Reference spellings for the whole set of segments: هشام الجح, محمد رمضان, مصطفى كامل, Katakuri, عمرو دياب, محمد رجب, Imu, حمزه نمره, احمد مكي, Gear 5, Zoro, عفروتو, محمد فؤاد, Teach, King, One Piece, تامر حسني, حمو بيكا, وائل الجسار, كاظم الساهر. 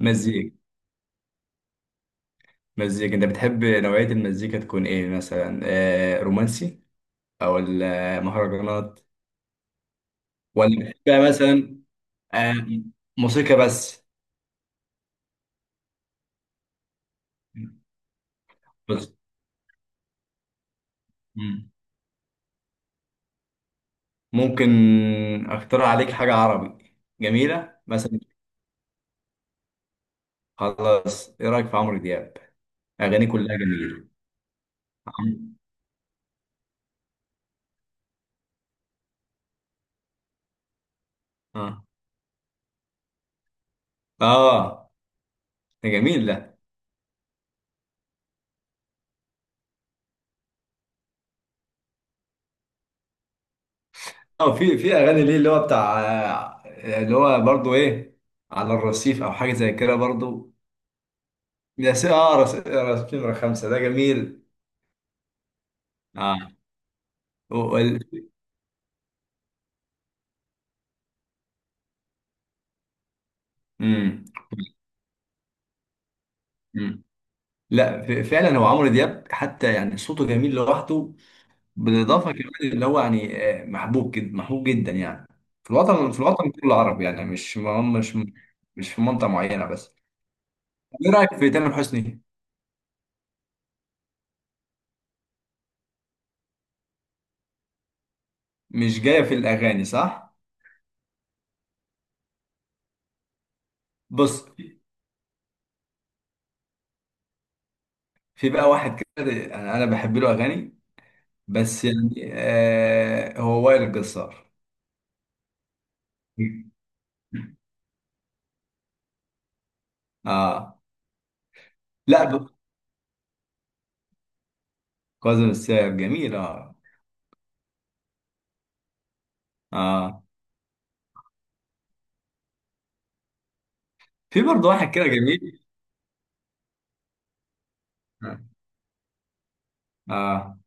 مزيكا مزيكا. انت بتحب نوعية المزيكا تكون ايه مثلا؟ رومانسي، او المهرجانات، ولا بتحبها مثلا؟ آه. موسيقى بس مم. ممكن اقترح عليك حاجة عربي جميلة مثلا. خلاص، ايه رأيك في عمرو دياب؟ اغانيه كلها جميلة. عم- اه. اه. ده جميل ده. اه. في اغاني ليه اللي هو بتاع، اللي هو برضو ايه، على الرصيف او حاجة زي كده برضو. ده نمرة خمسة ده جميل. اه. وال... مم. مم. لا، فعلا هو عمرو دياب، حتى يعني صوته جميل لوحده. بالاضافه كمان اللي هو يعني محبوب جدا، محبوب جدا يعني. في الوطن كله عربي، يعني مش م- مش مش في منطقه معينه بس. ايه رايك في تامر حسني؟ مش جايه في الاغاني، صح؟ بص، في بقى واحد كده، انا بحب له اغاني، بس يعني هو وائل الجسار. اه. لا، كاظم الساهر جميل. اه. اه. في برضه واحد كده جميل. اه. آه.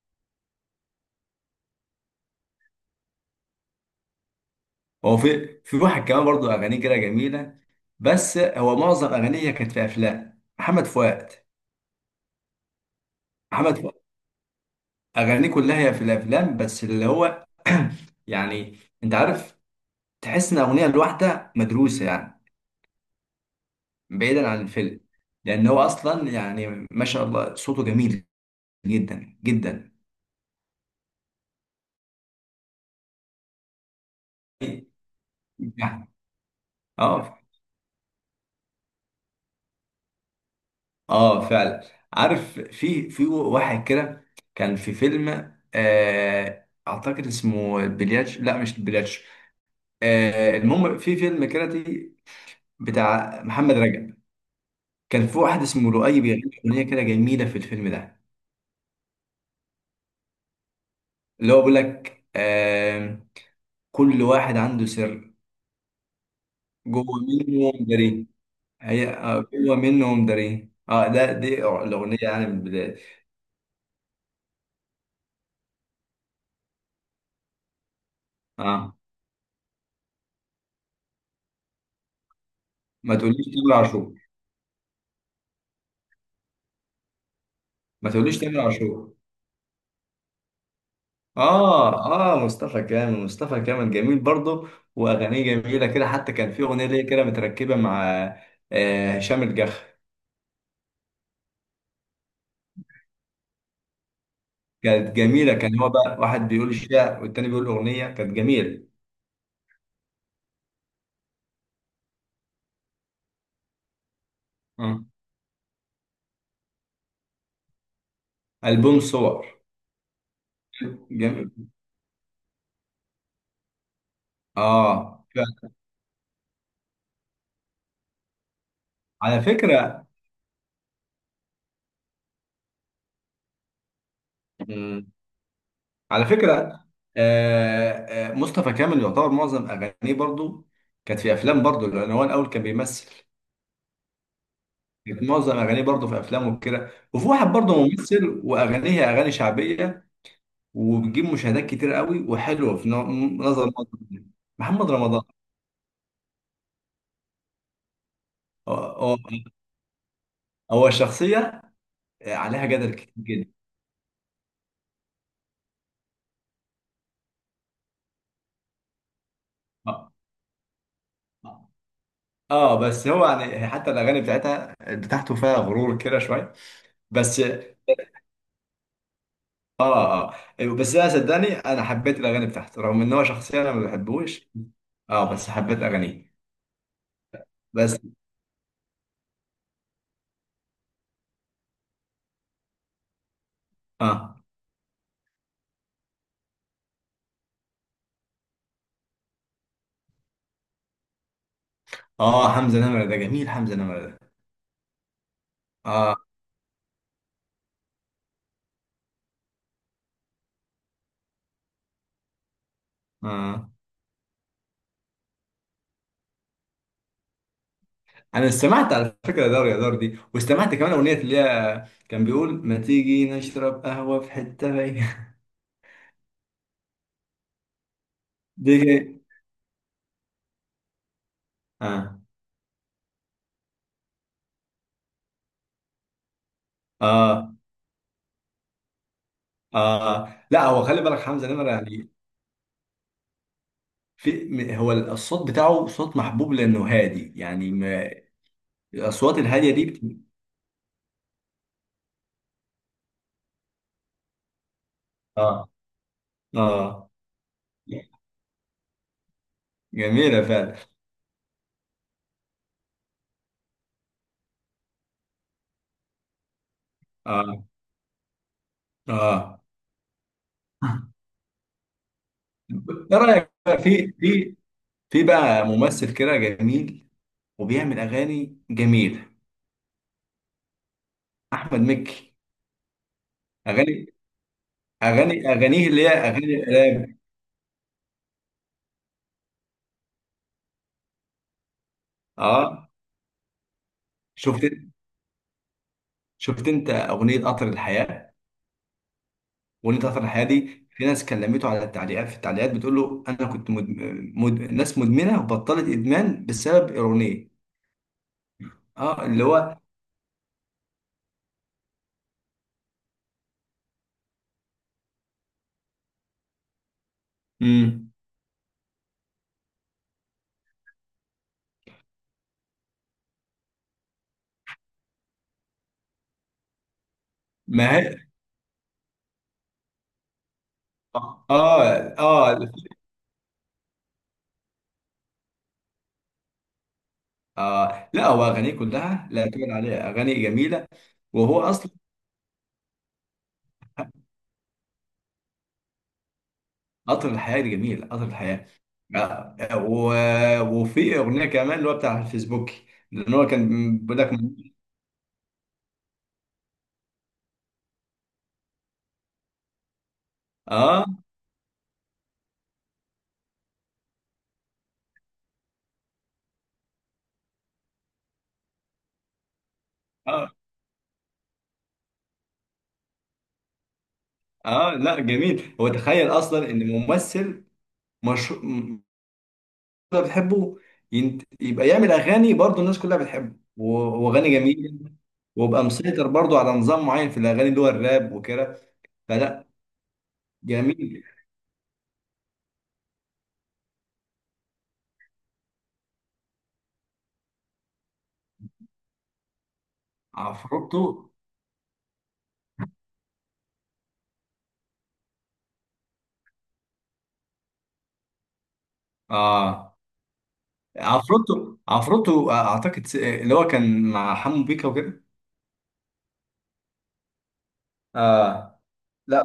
هو في واحد كمان برضه اغانيه كده جميله، بس هو معظم اغانيه كانت في افلام محمد فؤاد. محمد فؤاد اغانيه كلها هي في الافلام، بس اللي هو يعني انت عارف، تحس ان الاغنيه الواحده مدروسه يعني، بعيدا عن الفيلم، لان هو اصلا يعني ما شاء الله صوته جميل جدا جدا يعني. اه. اه. فعلا. عارف، في واحد كده كان في فيلم، اعتقد اسمه بلياتش. لا، مش بلياتش. المهم، في فيلم كاراتي بتاع محمد رجب. كان في واحد اسمه لؤي بيغني اغنيه كده جميله في الفيلم ده، اللي هو بيقول لك كل واحد عنده سر، جوه منهم داري. هي جوه منهم داري. اه، دي الاغنيه يعني من البدايه. اه. ما تقوليش تامر عاشور. ما تقوليش تامر عاشور. اه. اه. مصطفى كامل. مصطفى كامل جميل برضه، واغانيه جميله كده، حتى كان في اغنيه ليه كده متركبه مع هشام الجح. كانت جميله. كان هو بقى واحد بيقول الشعر والتاني بيقول اغنيه، كانت جميله. مم. البوم صور جميل. اه. على فكره. مم. على فكره. آه. آه. مصطفى كامل يعتبر معظم اغانيه برضه كانت في افلام برضه، لان هو الاول كان بيمثل. كانت معظم اغانيه برضه في افلام وكده، وفي واحد برضه ممثل واغانيه اغاني شعبيه، وبتجيب مشاهدات كتير قوي وحلوه. في نظر محمد رمضان. هو هو هو شخصيه عليها جدل كتير جدا. اه. بس هو يعني حتى الاغاني بتاعتها بتاعته فيها غرور كده شويه. بس. اه. اه. آه. بس انا صدقني، انا حبيت الاغاني بتاعته رغم ان هو شخصيه انا ما بحبوش. اه. بس حبيت اغانيه. بس. اه. اه. حمزه نمره ده جميل. حمزه نمره ده. اه. آه. انا استمعت على فكره دار يا دار دي، واستمعت كمان اغنيه اللي هي كان بيقول ما تيجي نشرب قهوه في حته رايقه. دي اه. اه. اه. لا، هو خلي بالك حمزه نمره يعني هو الصوت بتاعه صوت محبوب لانه هادي يعني، ما الاصوات الهاديه دي اه. اه. جميله فعلا. اه. اه. ايه رايك بقى في، في بقى ممثل كده جميل وبيعمل اغاني جميله، احمد مكي. اغاني اغانيه اللي هي اغاني الالام. اه. شفت شفت انت اغنيه قطر الحياه؟ اغنيه قطر الحياه دي، في ناس كلمته على التعليقات، في التعليقات بتقول له انا كنت ناس مدمنه وبطلت ادمان بسبب اغنيه. اه. اللي هو امم ما هي. اه. اه. اه. آه. لا هو اغانيه كلها، لا تقول عليها اغاني جميله. وهو اصلا قطر الحياة دي جميل. قطر الحياة. آه، آه، و... وفي أغنية كمان اللي هو بتاع الفيسبوك، لأن هو كان بيقول لك. آه. آه. آه. لا، جميل. هو تخيل أصلا إن ممثل مشهور كلها بتحبه، يبقى يعمل أغاني برضه الناس كلها بتحبه، و... وأغاني جميلة، ويبقى مسيطر برضه على نظام معين في الأغاني اللي هو الراب وكده. فلا، جميل. عفروتو. آه عفروتو، أعتقد اللي هو كان مع حمو بيكا وكده. اه. لا.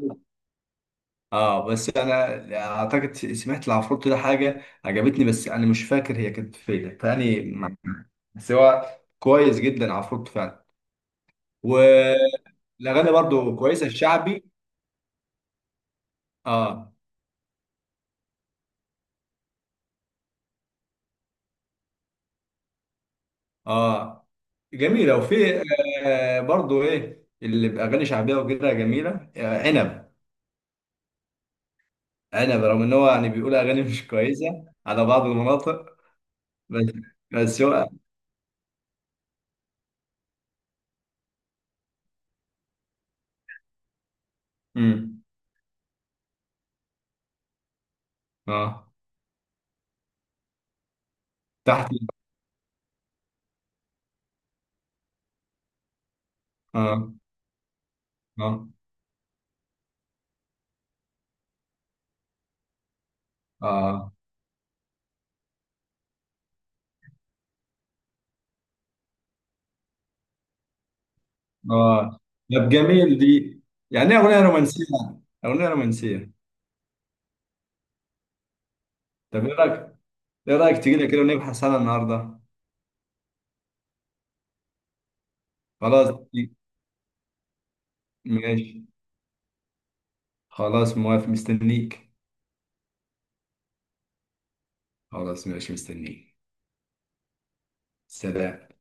اه. بس انا اعتقد سمعت العفروت ده حاجه عجبتني، بس انا مش فاكر هي كانت فين تاني. بس هو كويس جدا عفروت فعلا، والاغاني برضو كويسه، الشعبي. اه. اه. جميله. وفي برضو ايه اللي باغاني شعبيه وكده جميله، عنب. عنب رغم ان هو يعني بيقول اغاني مش كويسه على بعض المناطق، بس. بس هو امم. اه. تحت. اه. اه. اه. اه. طب جميل دي. يعني ايه؟ اغنيه رومانسيه؟ اغنيه رومانسيه. طب ايه رايك، تيجي لي كده ونبحث عنها النهارده؟ خلاص، ماشي. خلاص، موافق، مستنيك. خلاص، ماشي، مستنيك. سلام.